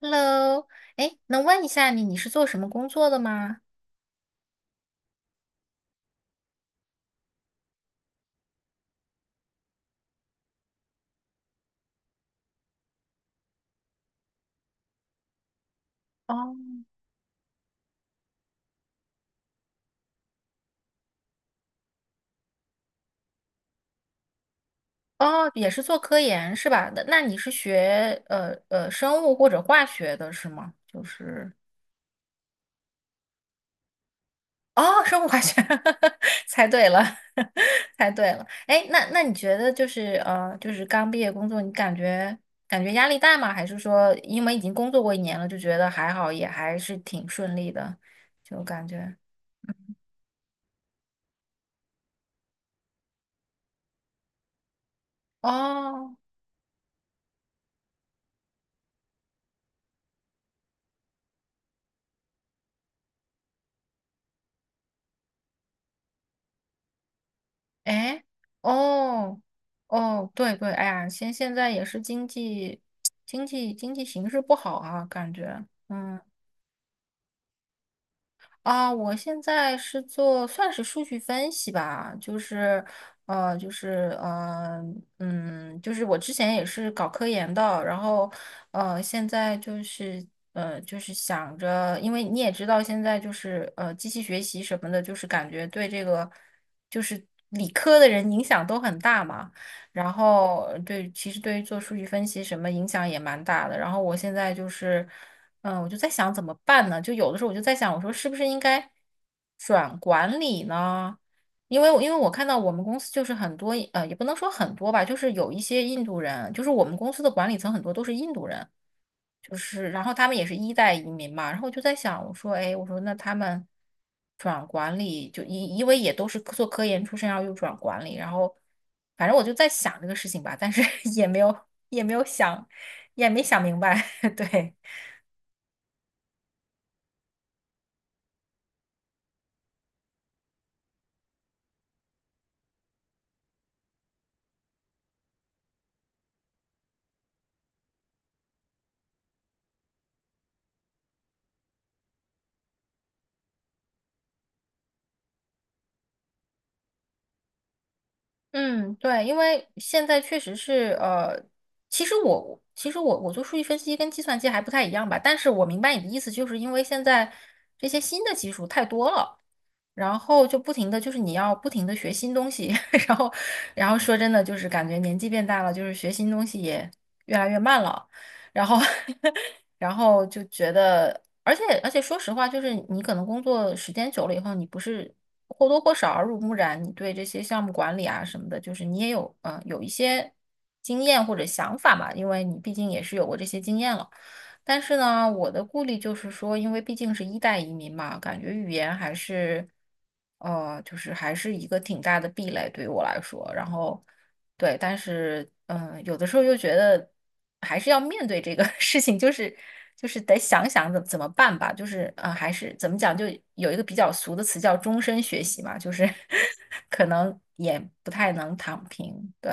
Hello，哎，能问一下你，你是做什么工作的吗？哦，哦，也是做科研是吧？那你是学生物或者化学的是吗？就是哦，生物化学，猜对了，猜对了。哎，那你觉得就是刚毕业工作，你感觉压力大吗？还是说因为已经工作过一年了，就觉得还好，也还是挺顺利的，就感觉哦。哎，哦，哦，对对，哎呀，现在也是经济 经济形势不好啊，感觉，嗯啊，我现在是做算是数据分析吧，呃，就是呃，就是我之前也是搞科研的，然后现在就是想着，因为你也知道，现在就是机器学习什么的，就是感觉对这个就是理科的人影响都很大嘛。然后对，其实对于做数据分析什么影响也蛮大的。然后我现在就是，我就在想怎么办呢？就有的时候我就在想，我说是不是应该转管理呢？因为我看到我们公司就是很多，也不能说很多吧，就是有一些印度人，就是我们公司的管理层很多都是印度人。就是，然后他们也是一代移民嘛，然后我就在想，我说，哎，我说那他们转管理，就因为也都是做科研出身，然后又转管理，然后反正我就在想这个事情吧，但是 也没有也没有想，也没想明白，对。嗯，对，因为现在确实是，其实我做数据分析跟计算机还不太一样吧，但是我明白你的意思，就是因为现在这些新的技术太多了，然后就不停的就是你要不停的学新东西，然后然后说真的就是感觉年纪变大了，就是学新东西也越来越慢了，然后 就觉得，而且说实话，就是你可能工作时间久了以后，你不是或多或少耳濡目染，你对这些项目管理啊什么的，就是你也有一些经验或者想法嘛，因为你毕竟也是有过这些经验了。但是呢，我的顾虑就是说，因为毕竟是一代移民嘛，感觉语言还是一个挺大的壁垒对于我来说。然后，对，但是，有的时候又觉得还是要面对这个 事情，就是得想想怎么办吧。就是，还是怎么讲，就有一个比较俗的词叫终身学习嘛，就是 可能也不太能躺平。对，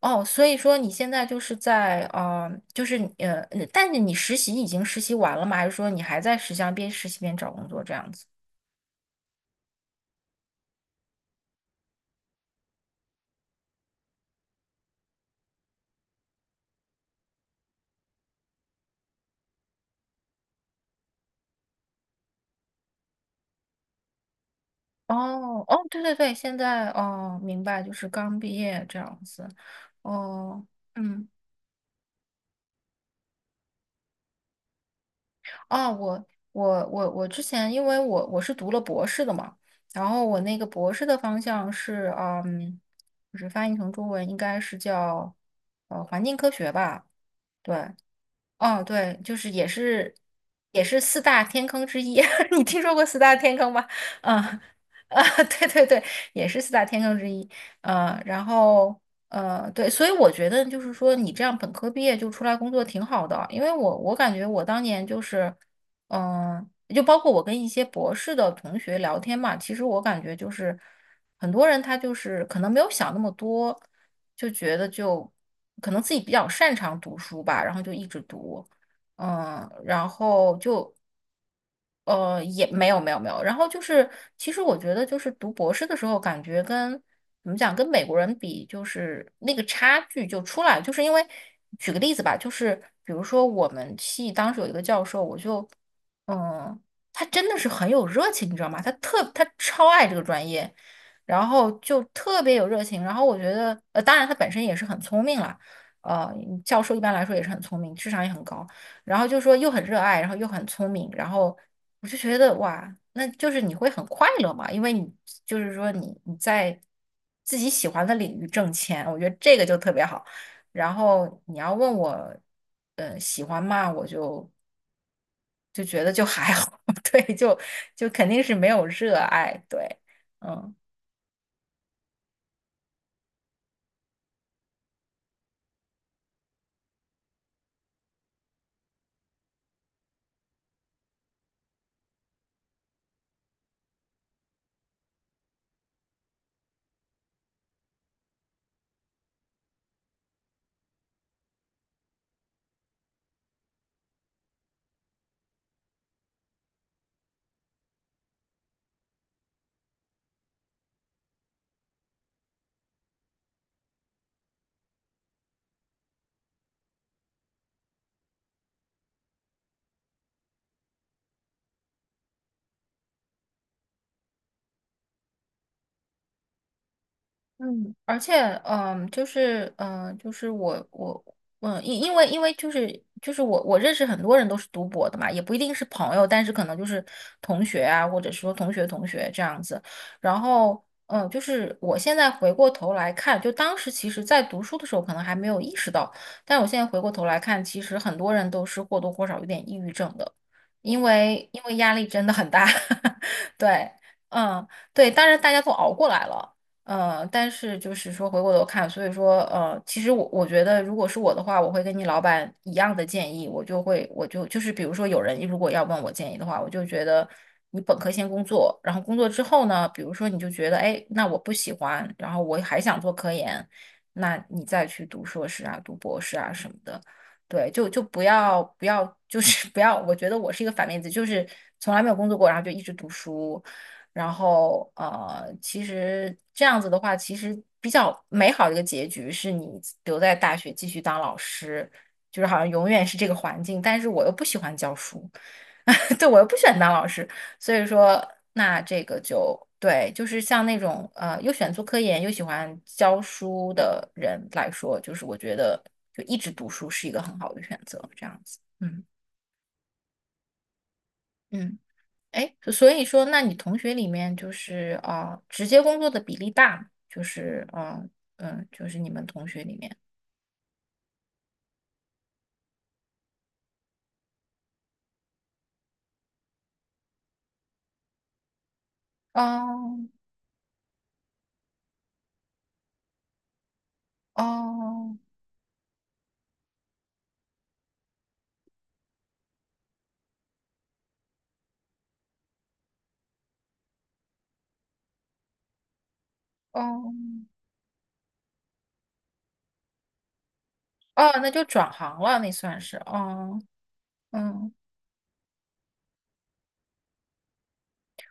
哦，所以说你现在就是在就是你但是你实习已经实习完了吗？还是说你还在实习上边实习边找工作这样子？哦哦，对对对，现在哦，明白，就是刚毕业这样子。哦，嗯，哦，我之前因为我是读了博士的嘛，然后我那个博士的方向是就是翻译成中文应该是叫环境科学吧。对，哦，对，就是也是四大天坑之一。你听说过四大天坑吗？嗯啊，对对对，也是四大天坑之一。嗯，然后对，所以我觉得就是说，你这样本科毕业就出来工作挺好的，因为我感觉我当年就是，嗯、就包括我跟一些博士的同学聊天嘛，其实我感觉就是很多人他就是可能没有想那么多。就觉得就可能自己比较擅长读书吧，然后就一直读，嗯，然后就也没有没有没有。然后就是，其实我觉得就是读博士的时候，感觉跟怎么讲，跟美国人比，就是那个差距就出来了。就是因为举个例子吧，就是比如说我们系当时有一个教授，我就嗯，他真的是很有热情，你知道吗？他超爱这个专业，然后就特别有热情。然后我觉得，当然他本身也是很聪明了，呃，教授一般来说也是很聪明，智商也很高，然后就说又很热爱，然后又很聪明，然后我就觉得哇，那就是你会很快乐嘛，因为你就是说你在自己喜欢的领域挣钱，我觉得这个就特别好。然后你要问我，喜欢吗？我就觉得就还好，对，就肯定是没有热爱，对，嗯。嗯，而且，就是我，因为，因为就是我认识很多人都是读博的嘛，也不一定是朋友，但是可能就是同学啊，或者说同学这样子。然后，就是我现在回过头来看，就当时其实在读书的时候可能还没有意识到，但我现在回过头来看，其实很多人都是或多或少有点抑郁症的，因为压力真的很大，对，嗯，对，当然大家都熬过来了。但是就是说回过头看，所以说其实我觉得，如果是我的话，我会跟你老板一样的建议，我就会我就就是比如说有人如果要问我建议的话，我就觉得你本科先工作，然后工作之后呢，比如说你就觉得哎，那我不喜欢，然后我还想做科研，那你再去读硕士啊，读博士啊什么的，对，就不要不要就是 不要，我觉得我是一个反面例子，就是从来没有工作过，然后就一直读书。然后其实这样子的话，其实比较美好的一个结局是你留在大学继续当老师，就是好像永远是这个环境，但是我又不喜欢教书，对，我又不喜欢当老师，所以说那这个就对，就是像那种又选做科研又喜欢教书的人来说，就是我觉得就一直读书是一个很好的选择，这样子，嗯。嗯。哎，所以说，那你同学里面就是啊直接工作的比例大吗就是啊，就是你们同学里面，哦哦哦哦，那就转行了，那算是哦嗯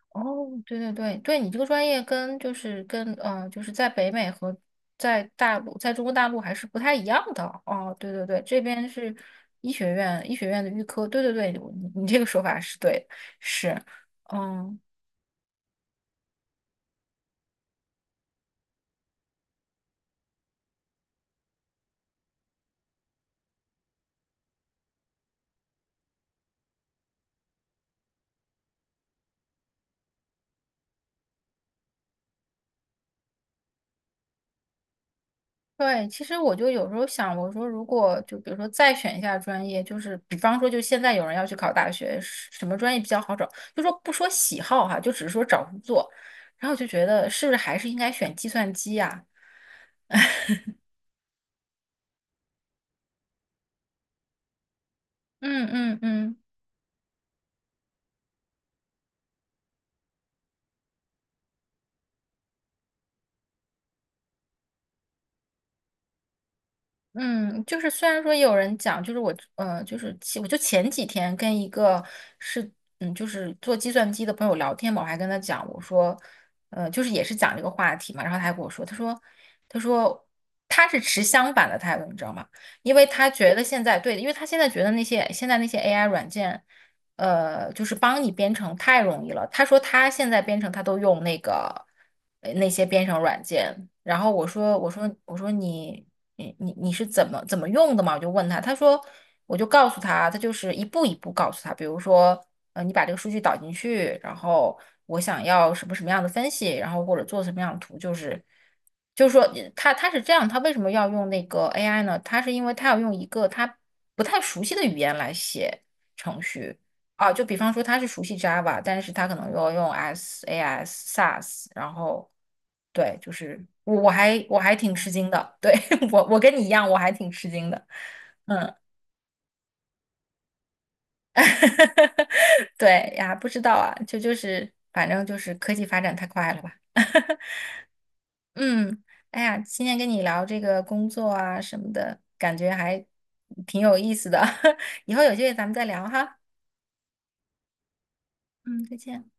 哦，对对对对，你这个专业跟就是跟呃，就是在北美和在大陆，在中国大陆还是不太一样的哦。对对对，这边是医学院，医学院的预科，对对对，你这个说法是对的是。嗯，对，其实我就有时候想，我说如果就比如说再选一下专业，就是比方说，就现在有人要去考大学，是什么专业比较好找？就说不说喜好哈，就只是说找工作，然后我就觉得是不是还是应该选计算机呀？嗯嗯嗯。嗯，就是虽然说有人讲，就是我就前几天跟一个是，就是做计算机的朋友聊天嘛，我还跟他讲，我说，就是也是讲这个话题嘛，然后他还跟我说，他说他是持相反的态度，你知道吗？因为他觉得现在对，因为他现在觉得那些 AI 软件，就是帮你编程太容易了。他说他现在编程他都用那些编程软件，然后我说你。你是怎么用的嘛？我就问他，他说我就告诉他，他就是一步一步告诉他，比如说，你把这个数据导进去，然后我想要什么什么样的分析，然后或者做什么样的图，就是说他是这样，他为什么要用那个 AI 呢？他是因为他要用一个他不太熟悉的语言来写程序，啊，就比方说他是熟悉 Java，但是他可能要用 S、AS、SAS，然后对，就是我还挺吃惊的，对，我跟你一样，我还挺吃惊的，对呀，不知道啊，就是反正就是科技发展太快了吧，嗯，哎呀，今天跟你聊这个工作啊什么的，感觉还挺有意思的，以后有机会咱们再聊哈，嗯，再见。